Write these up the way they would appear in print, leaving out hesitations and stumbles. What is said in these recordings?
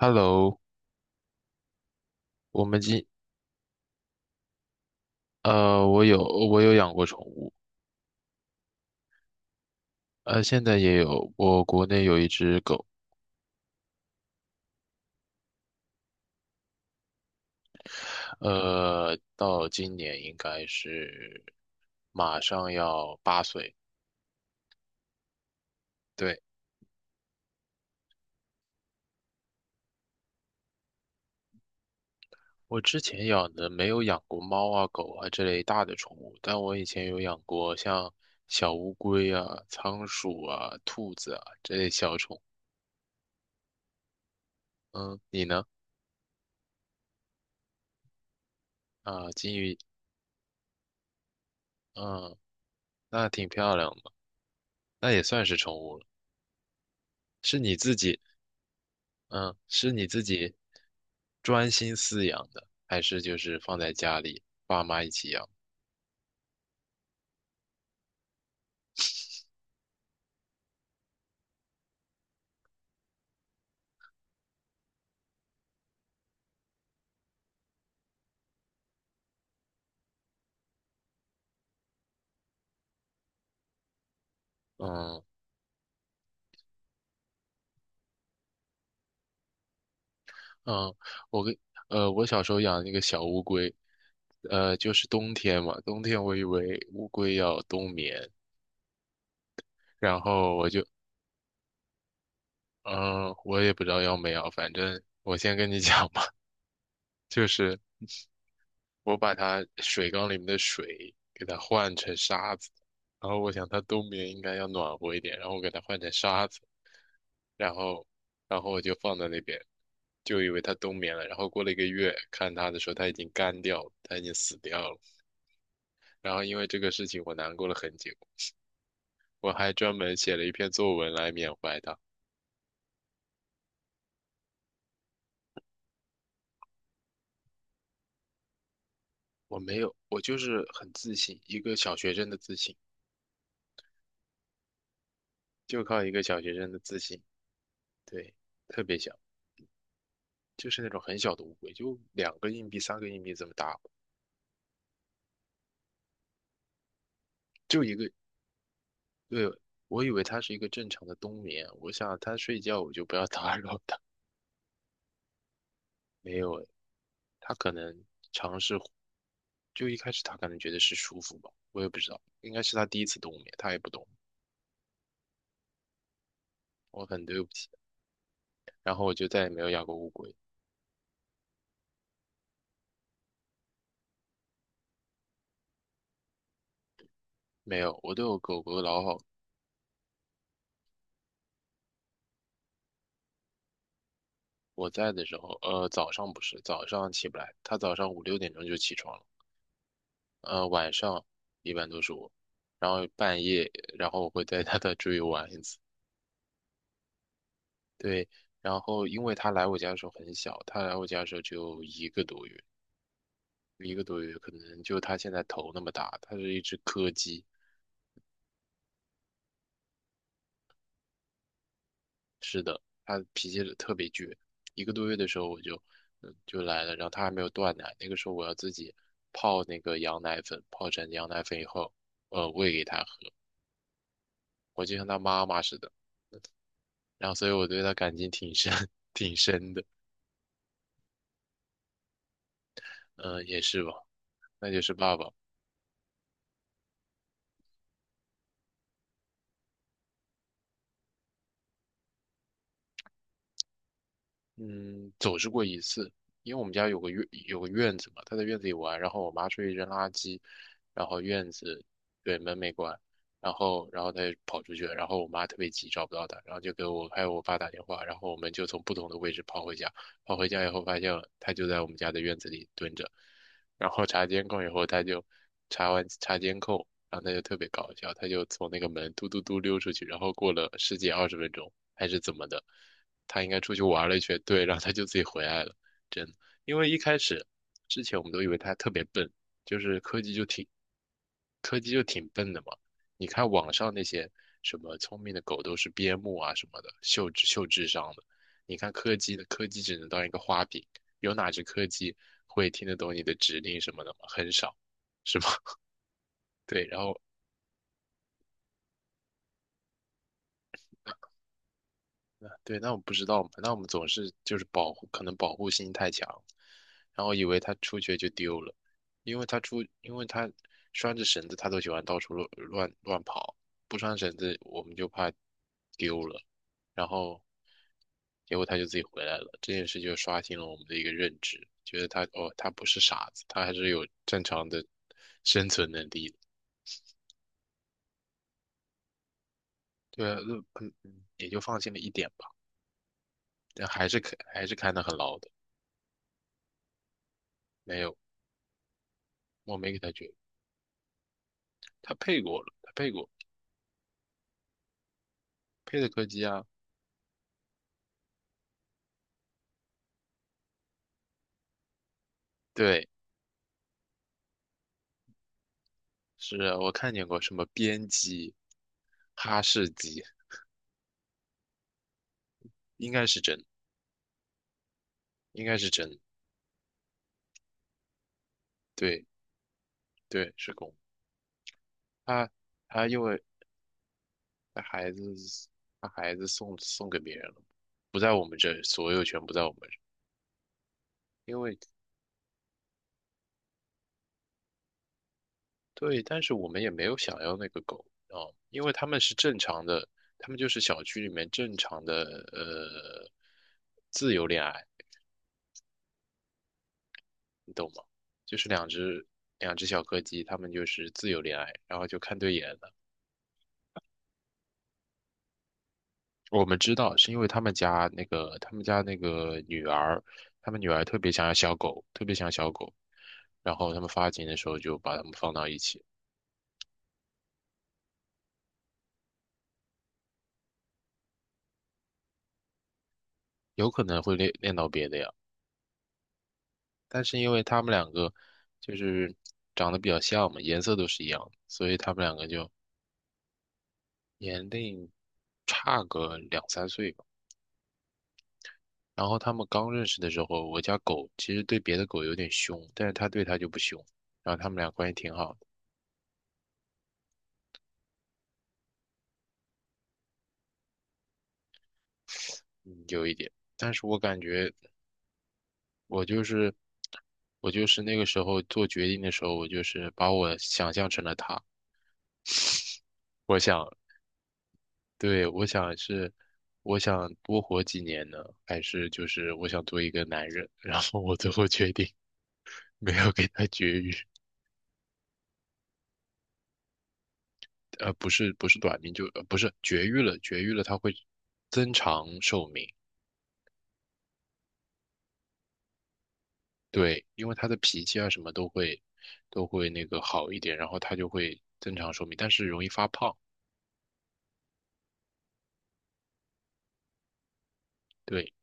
Hello，我们今我有养过宠物，现在也有，我国内有一只狗，到今年应该是马上要8岁。对，我之前养的没有养过猫啊、狗啊这类大的宠物，但我以前有养过像小乌龟啊、仓鼠啊、兔子啊这类小宠物。嗯，你呢？啊，金鱼，嗯，那挺漂亮的，那也算是宠物了，是你自己。嗯，是你自己专心饲养的，还是就是放在家里爸妈一起养？嗯嗯，我跟我小时候养那个小乌龟，就是冬天嘛，冬天我以为乌龟要冬眠，然后我就嗯，我也不知道要没有，反正我先跟你讲吧，就是我把它水缸里面的水给它换成沙子，然后我想它冬眠应该要暖和一点，然后我给它换成沙子，然后然后我就放在那边，就以为它冬眠了。然后过了一个月，看它的时候，它已经干掉了，它已经死掉了。然后因为这个事情，我难过了很久，我还专门写了一篇作文来缅怀它。我没有，我就是很自信，一个小学生的自信，就靠一个小学生的自信，对，特别小。就是那种很小的乌龟，就两个硬币、三个硬币这么大，就一个。对，我以为它是一个正常的冬眠，我想它睡觉我就不要打扰它，因为它可能就一开始它可能觉得是舒服吧，我也不知道，应该是它第一次冬眠，它也不懂，我很对不起。然后我就再也没有养过乌龟，没有，我对我狗狗老好。我在的时候，早上起不来，它早上五六点钟就起床了。晚上一般都是我，然后半夜，然后我会带它再出去玩一次。对，然后因为它来我家的时候很小，它来我家的时候只有一个多月，一个多月可能就它现在头那么大，它是一只柯基，它脾气特别倔。一个多月的时候我就，嗯就来了，然后它还没有断奶，那个时候我要自己泡那个羊奶粉，泡成羊奶粉以后，喂给它喝，我就像它妈妈似的，然后所以我对它感情挺深，挺深的。嗯，也是吧，那就是爸爸。嗯，走失过一次，因为我们家有个院子嘛，他在院子里玩，然后我妈出去扔垃圾，然后院子对门没关，然后他就跑出去了，然后我妈特别急找不到他，然后就给我还有我爸打电话，然后我们就从不同的位置跑回家，跑回家以后发现他就在我们家的院子里蹲着，然后查监控以后查完查监控，然后他就特别搞笑，他就从那个门嘟嘟嘟溜出去，然后过了十几二十分钟还是怎么的。他应该出去玩了一圈，对，然后他就自己回来了，真的。因为一开始之前我们都以为他特别笨，就是柯基就挺笨的嘛。你看网上那些什么聪明的狗都是边牧啊什么的，秀智秀智商的。你看柯基的柯基只能当一个花瓶，有哪只柯基会听得懂你的指令什么的吗？很少，是吧？对，那我不知道嘛，那我们总是就是保护，可能保护心太强，然后以为他出去就丢了，因为他拴着绳子，他都喜欢到处乱跑，不拴绳子我们就怕丢了，然后结果他就自己回来了，这件事就刷新了我们的一个认知，觉得他哦，他不是傻子，他还是有正常的生存能力的，对啊，那嗯嗯，也就放心了一点吧，但还是看得很牢的，没有，我没给它卷。他配过了，他配过，配的柯基啊，对，是啊我看见过什么边鸡、哈士奇，应该是真，应该是真，对对，是公，他他因为他孩子把孩子送给别人了，不在我们这，所有权不在我们这，因为对，但是我们也没有想要那个狗啊，因为他们是正常的，他们就是小区里面正常的呃自由恋爱。你懂吗？就是两只小柯基，它们就是自由恋爱，然后就看对眼了。我们知道是因为他们家那个女儿，他们女儿特别想要小狗，特别想要小狗，然后他们发情的时候就把它们放到一起，有可能会恋到别的呀。但是因为他们两个就是长得比较像嘛，颜色都是一样的所以他们两个就年龄差个2、3岁吧。然后他们刚认识的时候，我家狗其实对别的狗有点凶，但是它对它就不凶。然后他们俩关系挺好的，嗯，有一点。但是我感觉我就是我就是那个时候做决定的时候，我就是把我想象成了它。我想，对，我想是我想多活几年呢，还是就是我想做一个男人？然后我最后决定没有给它绝育，不是不是短命，就不是绝育了，绝育了它会增长寿命。对，因为他的脾气啊什么都会那个好一点，然后他就会增长寿命，但是容易发胖。对，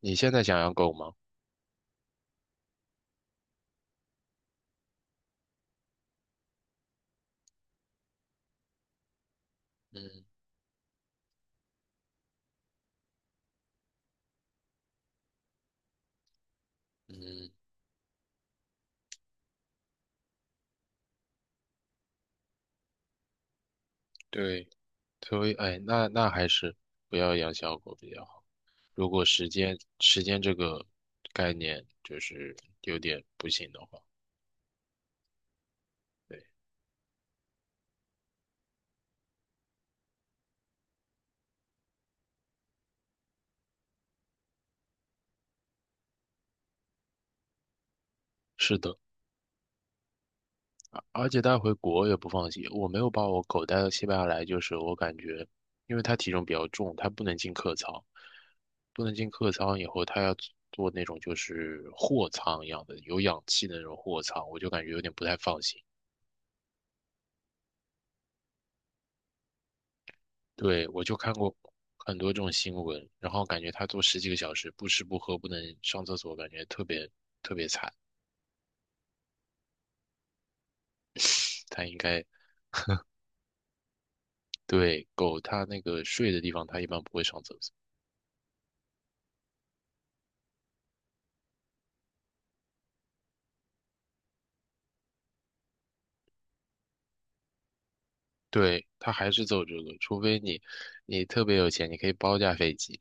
你现在想养狗吗？嗯嗯，对，所以哎，那还是不要养小狗比较好。如果时间这个概念就是有点不行的话，对，是的。而且带回国也不放心，我没有把我狗带到西班牙来，就是我感觉，因为它体重比较重，它不能进客舱，不能进客舱以后，它要坐那种就是货舱一样的，有氧气的那种货舱，我就感觉有点不太放心。对，我就看过很多这种新闻，然后感觉它坐十几个小时，不吃不喝，不能上厕所，感觉特别 它应该，对，狗它那个睡的地方，它一般不会上厕所。对，他还是走这个，除非你特别有钱，你可以包架飞机。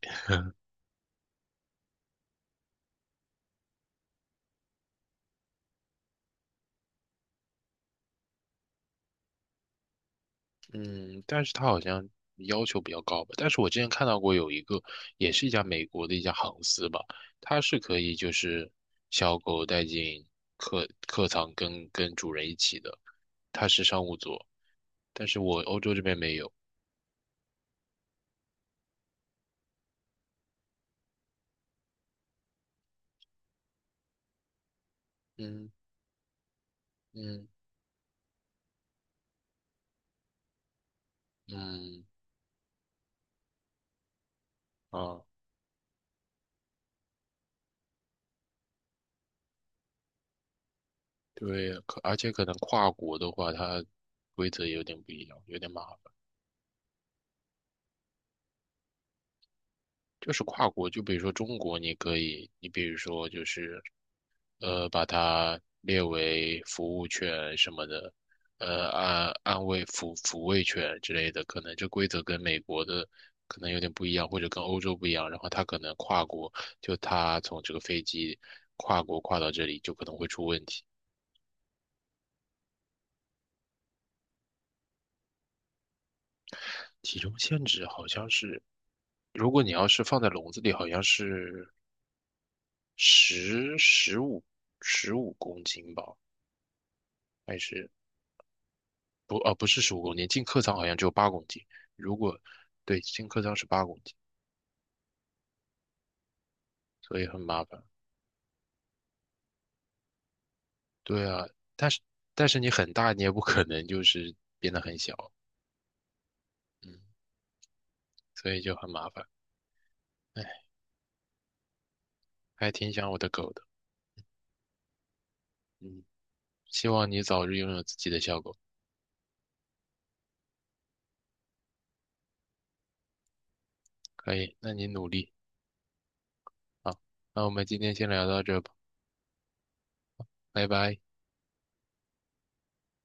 嗯，但是他好像要求比较高吧。但是我之前看到过有一个，也是一家美国的一家航司吧，它是可以就是小狗带进客舱跟主人一起的，它是商务座，但是我欧洲这边没有。嗯嗯嗯啊，对，而且可能跨国的话，它规则有点不一样，有点麻烦。就是跨国，就比如说中国，你可以，你比如说就是把它列为服务犬什么的，安安慰抚抚慰犬之类的，可能这规则跟美国的可能有点不一样，或者跟欧洲不一样，然后它可能跨国，就它从这个飞机跨国跨到这里，就可能会出问题。体重限制好像是，如果你要是放在笼子里，好像是十十五十五公斤吧。还是不，不是十五公斤，进客舱好像只有八公斤。如果对，进客舱是八公斤，所以很麻烦。对啊，但是但是你很大，你也不可能就是变得很小，嗯，所以就很麻烦。哎，还挺想我的狗的，嗯，希望你早日拥有自己的小狗。可以，那你努力啊。那我们今天先聊到这吧，拜拜。